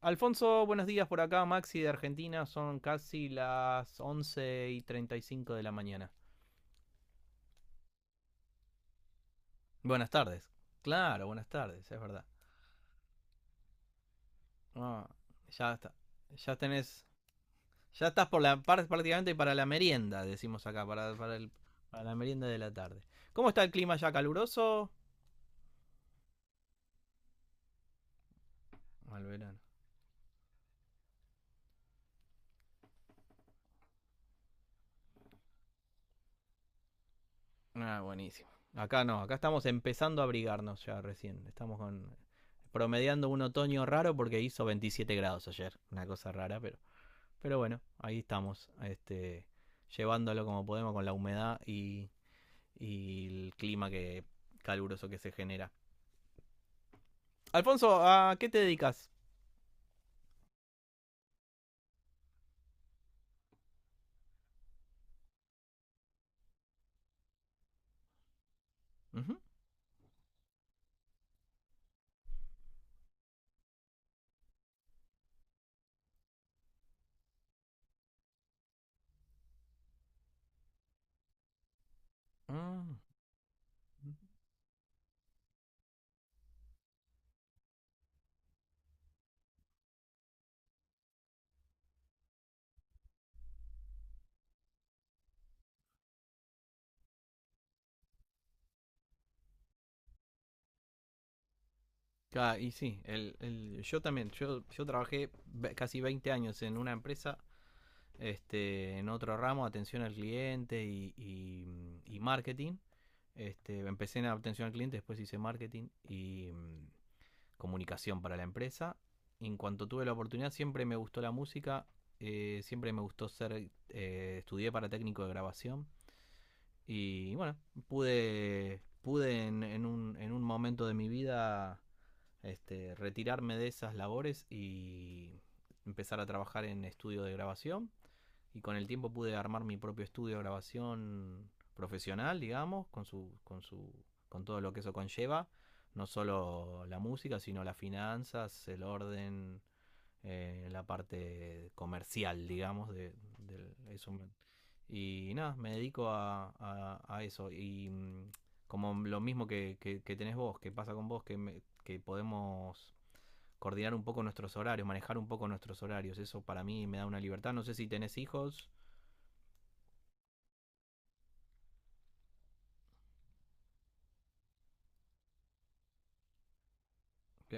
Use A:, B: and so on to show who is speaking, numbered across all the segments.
A: Alfonso, buenos días por acá, Maxi de Argentina, son casi las 11 y 35 de la mañana. Buenas tardes. Claro, buenas tardes, es verdad. Ah, ya está. Ya tenés. Ya estás por la parte prácticamente para la merienda, decimos acá, para la merienda de la tarde. ¿Cómo está el clima ya caluroso? Al verano. Ah, buenísimo. Acá no, acá estamos empezando a abrigarnos ya recién. Estamos con promediando un otoño raro porque hizo 27 grados ayer. Una cosa rara, pero bueno, ahí estamos, llevándolo como podemos con la humedad y el clima que caluroso que se genera. Alfonso, ¿a qué te dedicas? Ujú. Ah, y sí, yo también, yo trabajé casi 20 años en una empresa, en otro ramo, atención al cliente y marketing. Empecé en atención al cliente, después hice marketing y comunicación para la empresa. En cuanto tuve la oportunidad, siempre me gustó la música, siempre me gustó ser, estudié para técnico de grabación y bueno, pude en un momento de mi vida, retirarme de esas labores y empezar a trabajar en estudio de grabación, y con el tiempo pude armar mi propio estudio de grabación profesional, digamos, con todo lo que eso conlleva, no solo la música, sino las finanzas, el orden, la parte comercial, digamos, de eso. Y nada, me dedico a eso. Como lo mismo que tenés vos, que pasa con vos, que podemos coordinar un poco nuestros horarios, manejar un poco nuestros horarios. Eso para mí me da una libertad. No sé si tenés hijos. Ok,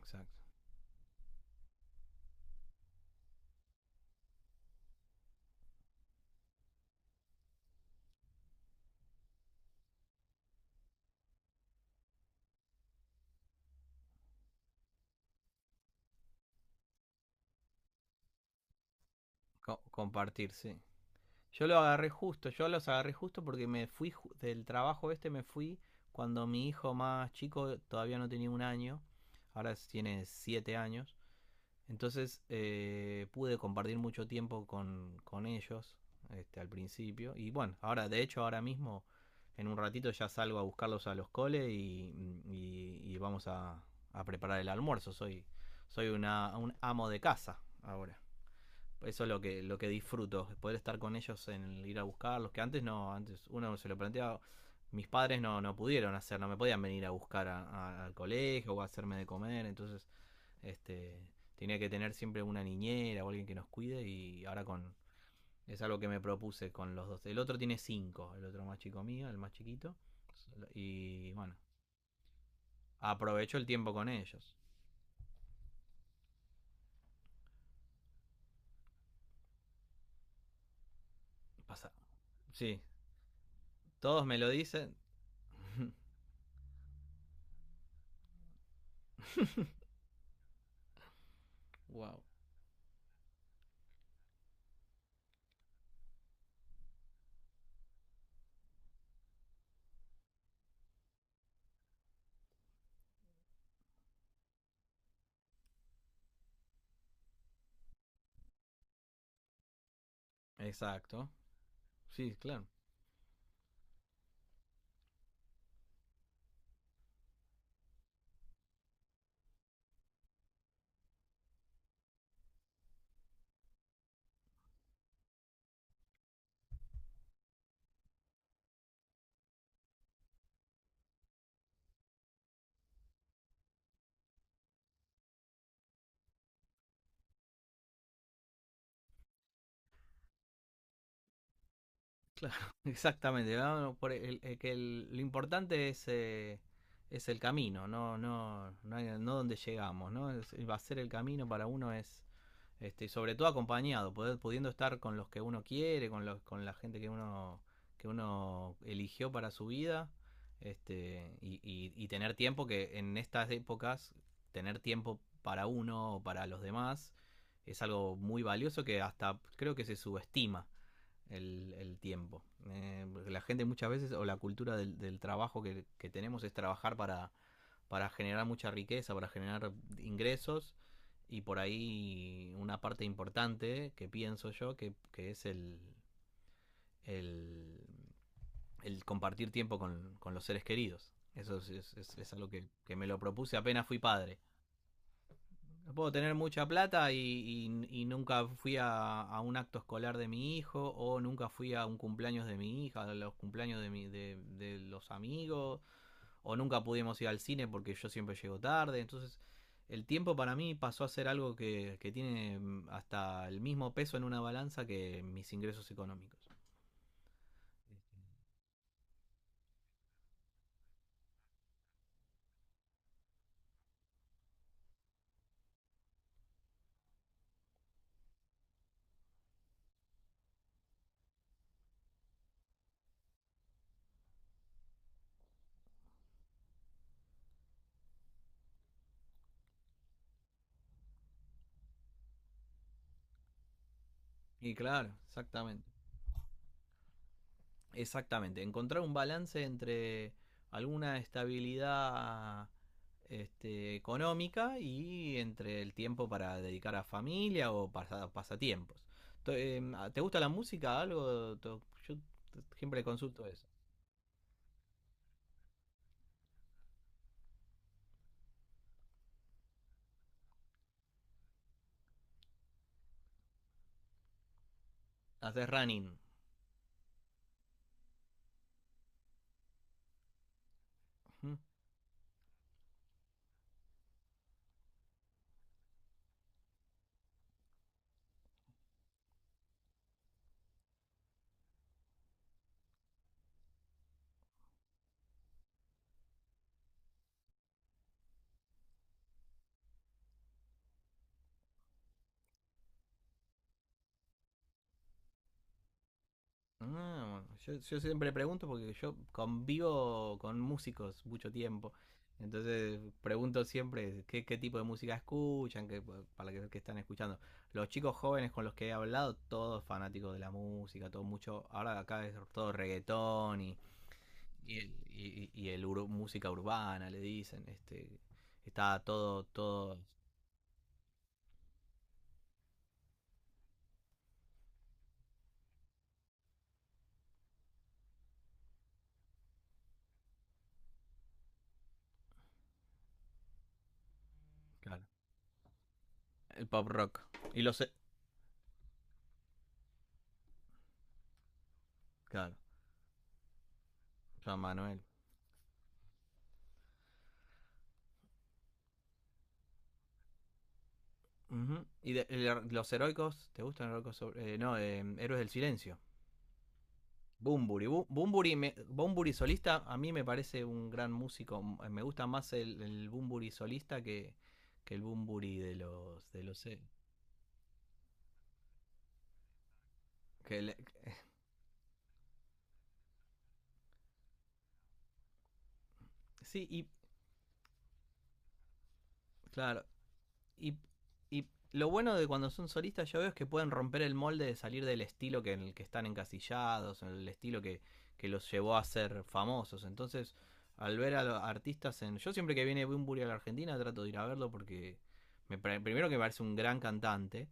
A: exacto. Co- compartir, sí. Yo lo agarré justo, yo los agarré justo porque me fui ju- del trabajo este, me fui cuando mi hijo más chico todavía no tenía un año, ahora tiene siete años, entonces pude compartir mucho tiempo con ellos, al principio y bueno, ahora de hecho ahora mismo en un ratito ya salgo a buscarlos a los coles y vamos a preparar el almuerzo, soy un amo de casa ahora. Eso es lo que disfruto, poder estar con ellos en el ir a buscarlos, que antes no, antes uno se lo planteaba, mis padres no, no pudieron hacer, no me podían venir a buscar al colegio o a hacerme de comer, entonces este tenía que tener siempre una niñera o alguien que nos cuide y ahora con es algo que me propuse con los dos. El otro tiene cinco, el otro más chico mío, el más chiquito y bueno, aprovecho el tiempo con ellos. Pasa. Sí, todos me lo dicen. Wow. Exacto. Sí, claro. Exactamente. Vamos por el- que el- lo importante es el camino, no donde llegamos, ¿no? Va a ser el camino para uno es, y sobre todo acompañado, poder- pudiendo estar con los que uno quiere, con la gente que que uno eligió para su vida, y tener tiempo que en estas épocas, tener tiempo para uno o para los demás es algo muy valioso que hasta creo que se subestima el tiempo. La gente muchas veces, o la cultura del trabajo que tenemos es trabajar para generar mucha riqueza, para generar ingresos y por ahí una parte importante que pienso yo que es el, el compartir tiempo con los seres queridos. Eso es algo que me lo propuse apenas fui padre. No puedo tener mucha plata y nunca fui a un acto escolar de mi hijo o nunca fui a un cumpleaños de mi hija, a los cumpleaños de, de los amigos, o nunca pudimos ir al cine porque yo siempre llego tarde. Entonces el tiempo para mí pasó a ser algo que tiene hasta el mismo peso en una balanza que mis ingresos económicos. Y claro, exactamente. Exactamente, encontrar un balance entre alguna estabilidad, económica, y entre el tiempo para dedicar a familia o pasa- pasatiempos. ¿Te gusta la música? ¿Algo? To- Yo t- siempre consulto eso. Haces running. Ujú. Ah, bueno, yo siempre pregunto porque yo convivo con músicos mucho tiempo. Entonces pregunto siempre qué, qué tipo de música escuchan, qué, para qué, qué están escuchando. Los chicos jóvenes con los que he hablado, todos fanáticos de la música, todo mucho. Ahora acá es todo reggaetón y el ur- música urbana, le dicen. Está todo, todo, claro. El pop rock. Y los, claro, Juan Manuel. Ujú. Los heroicos? ¿Te gustan los heroicos? Sobre- no, Héroes del Silencio. Bumburi. Bumburi, Bumburi solista a mí me parece un gran músico. Me gusta más el Bumburi solista que el Bumburi de los... De los que le- que- sí, y claro, Y, y lo bueno de cuando son solistas yo veo es que pueden romper el molde de salir del estilo que en el que están encasillados, en el estilo que los llevó a ser famosos. Entonces, al ver a los artistas en... Yo siempre que viene Bumburi a la Argentina trato de ir a verlo porque me, primero que me parece un gran cantante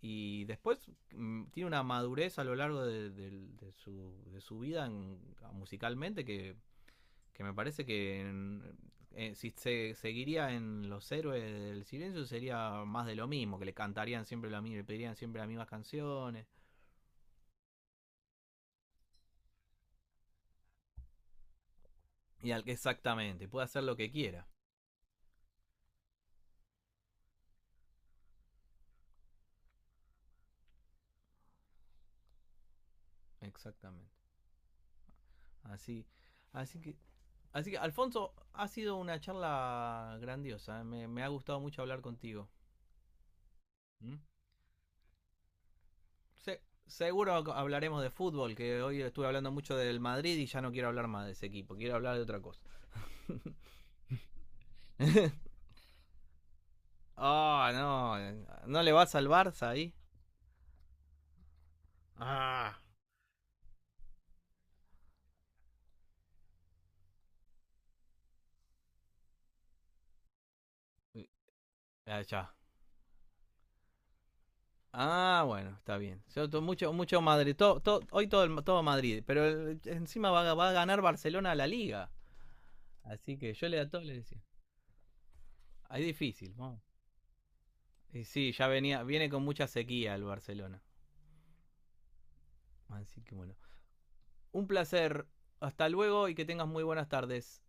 A: y después, tiene una madurez a lo largo de, de su vida en- musicalmente que me parece que si se seguiría en los Héroes del Silencio sería más de lo mismo, que le cantarían siempre lo mismo, le pedirían siempre las mismas canciones. Y al que exactamente, puede hacer lo que quiera. Exactamente. Así, así que, así que Alfonso, ha sido una charla grandiosa, ¿eh? Me ha gustado mucho hablar contigo. ¿Mm? Se- seguro hablaremos de fútbol, que hoy estuve hablando mucho del Madrid y ya no quiero hablar más de ese equipo, quiero hablar de otra cosa. Ah, oh, no. ¿No le vas al Barça ahí? Ah, ah, ya. Ah, bueno, está bien. Yo to- mucho, mucho Madrid. To- to- hoy todo, el- todo Madrid. Pero el- encima va, a- va a ganar Barcelona a la liga. Así que yo le a todo le decía. Ahí es difícil, vamos. Y sí, ya venía, viene con mucha sequía el Barcelona. Así que bueno. Un placer. Hasta luego y que tengas muy buenas tardes.